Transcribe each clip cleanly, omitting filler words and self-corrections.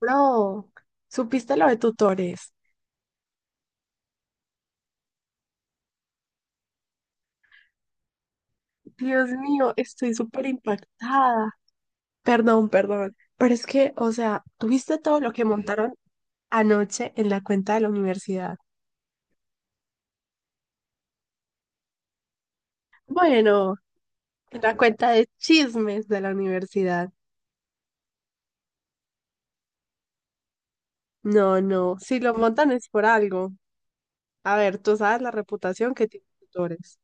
Bro, ¿supiste lo de tutores? Dios mío, estoy súper impactada. Perdón, perdón, pero es que, o sea, ¿tuviste todo lo que montaron anoche en la cuenta de la universidad? Bueno, en la cuenta de chismes de la universidad. No, no, si lo montan es por algo. A ver, tú sabes la reputación que tienen tutores.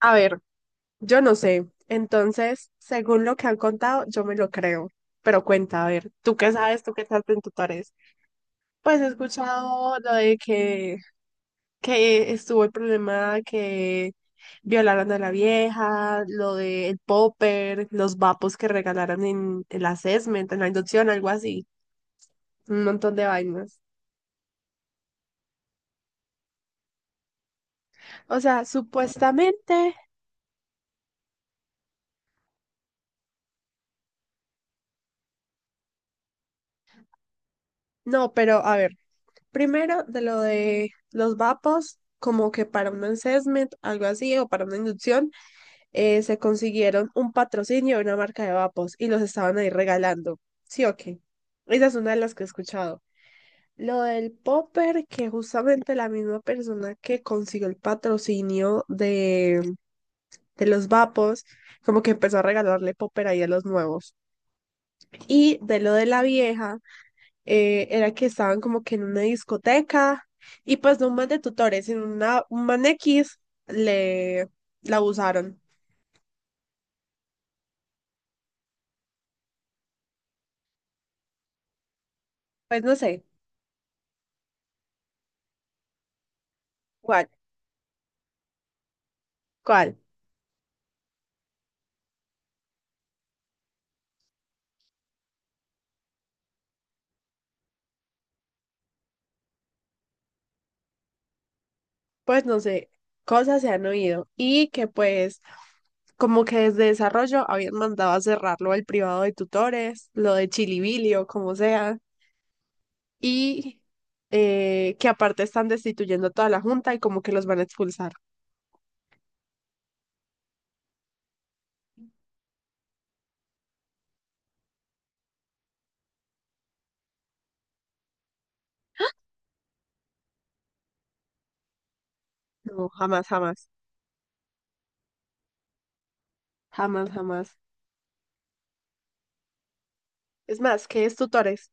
A ver, yo no sé. Entonces, según lo que han contado, yo me lo creo. Pero cuenta, a ver, ¿tú qué sabes? ¿Tú qué sabes en tutores? Pues he escuchado lo de que estuvo el problema que violaron a la vieja, lo de el popper, los vapos que regalaron en la assessment, en la inducción, algo así, un montón de vainas. O sea, supuestamente, no, pero a ver, primero de lo de los vapos, como que para un assessment, algo así, o para una inducción. Se consiguieron un patrocinio de una marca de vapos y los estaban ahí regalando. Sí, ok. Esa es una de las que he escuchado. Lo del popper, que justamente la misma persona que consiguió el patrocinio de los vapos, como que empezó a regalarle popper ahí a los nuevos. Y de lo de la vieja, era que estaban como que en una discoteca y pues no un man de tutores, sino una, un man X le la abusaron. Pues no sé, ¿cuál? ¿Cuál? Pues no sé, cosas se han oído y que pues como que desde desarrollo habían mandado a cerrarlo al privado de tutores, lo de Chilibili o como sea, y que aparte están destituyendo a toda la junta y como que los van a expulsar. No, jamás, jamás, jamás, jamás. Es más, que es tutores,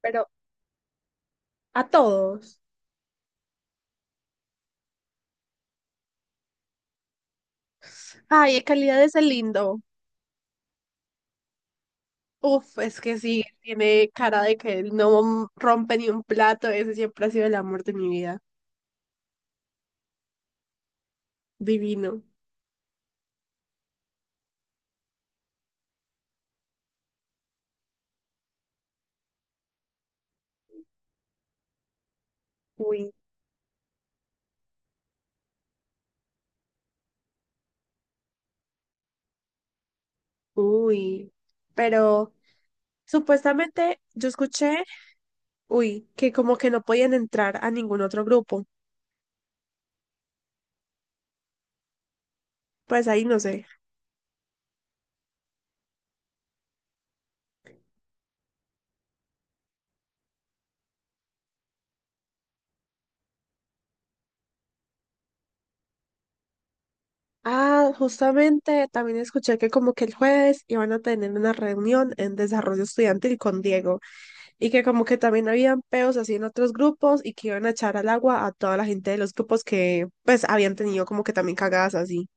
pero a todos. Ay, de calidad ese lindo. Uf, es que sí, tiene cara de que no rompe ni un plato, ese siempre ha sido el amor de mi vida. Divino. Uy, uy. Pero supuestamente yo escuché, uy, que como que no podían entrar a ningún otro grupo. Pues ahí no sé. Ah, justamente también escuché que como que el jueves iban a tener una reunión en desarrollo estudiantil con Diego y que como que también habían peos así en otros grupos y que iban a echar al agua a toda la gente de los grupos que pues habían tenido como que también cagadas así.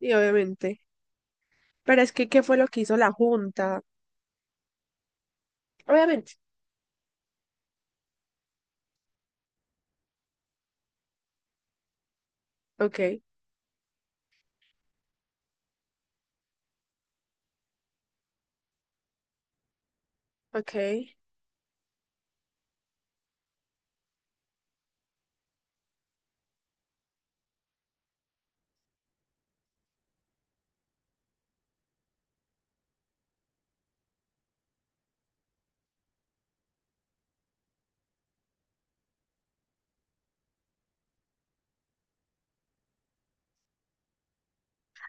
Y obviamente. Pero es que, ¿qué fue lo que hizo la junta? Obviamente. Ok, ok.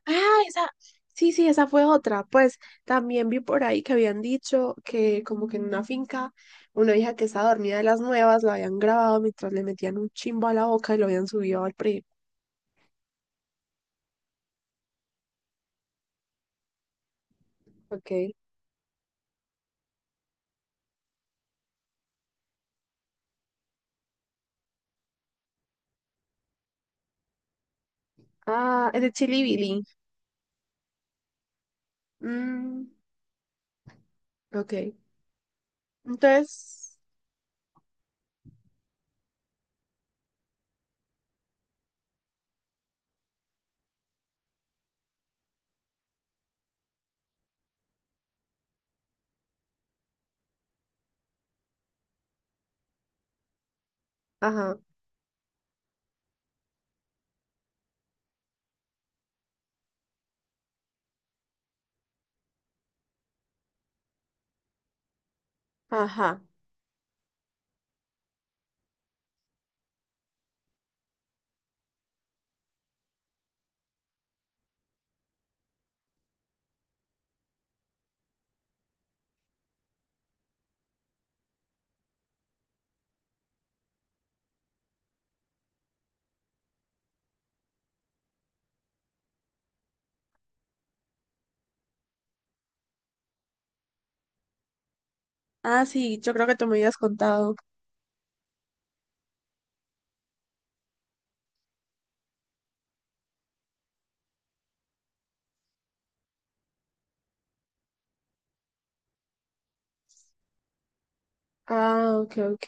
Ah, esa, sí, sí, esa fue otra. Pues también vi por ahí que habían dicho que como que en una finca una hija que estaba dormida de las nuevas la habían grabado mientras le metían un chimbo a la boca y lo habían subido al PRI. Ok. Ah, es de Chili Billy. Mm, ok. Entonces, ajá, ajá. Ah, sí, yo creo que tú me habías contado. Ah, ok, ok.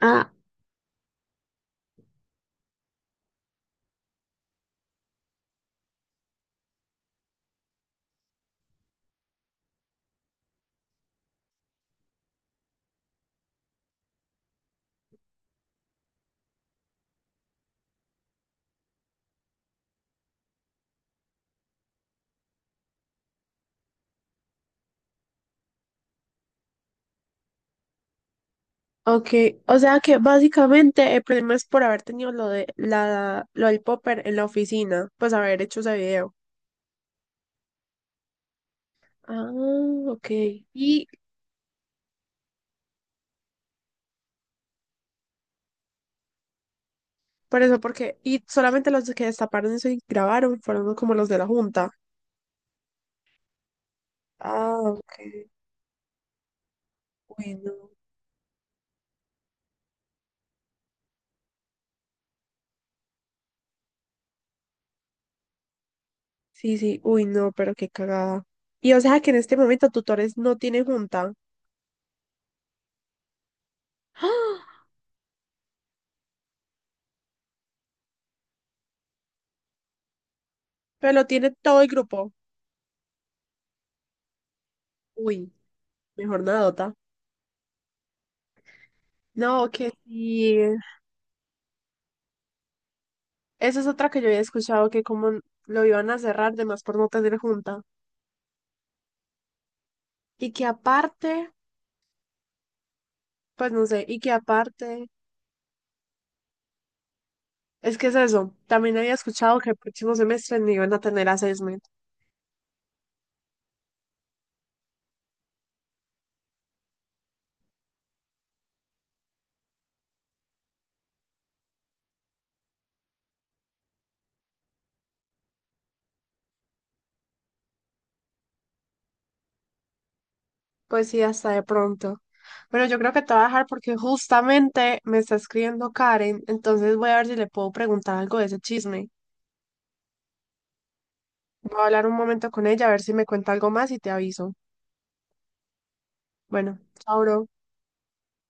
Ah, ok, o sea que básicamente el problema es por haber tenido lo de la lo del popper en la oficina, pues haber hecho ese video. Ah, ok. Y por eso, porque, y solamente los que destaparon eso y grabaron fueron como los de la junta. Ah, ok. Uy, no. Sí, sí, uy, no, pero qué cagada. Y o sea que en este momento tutores no tiene junta. ¡Ah! Pero lo tiene todo el grupo. Uy, mejor nada, Dota. No, que sí. Esa es otra que yo había escuchado, que como lo iban a cerrar, de más por no tener junta. Y que aparte, pues no sé, y que aparte, es que es eso, también había escuchado que el próximo semestre ni iban a tener assessment. Pues sí, hasta de pronto. Pero yo creo que te voy a dejar porque justamente me está escribiendo Karen, entonces voy a ver si le puedo preguntar algo de ese chisme. Voy a hablar un momento con ella, a ver si me cuenta algo más y te aviso. Bueno, chao, bro.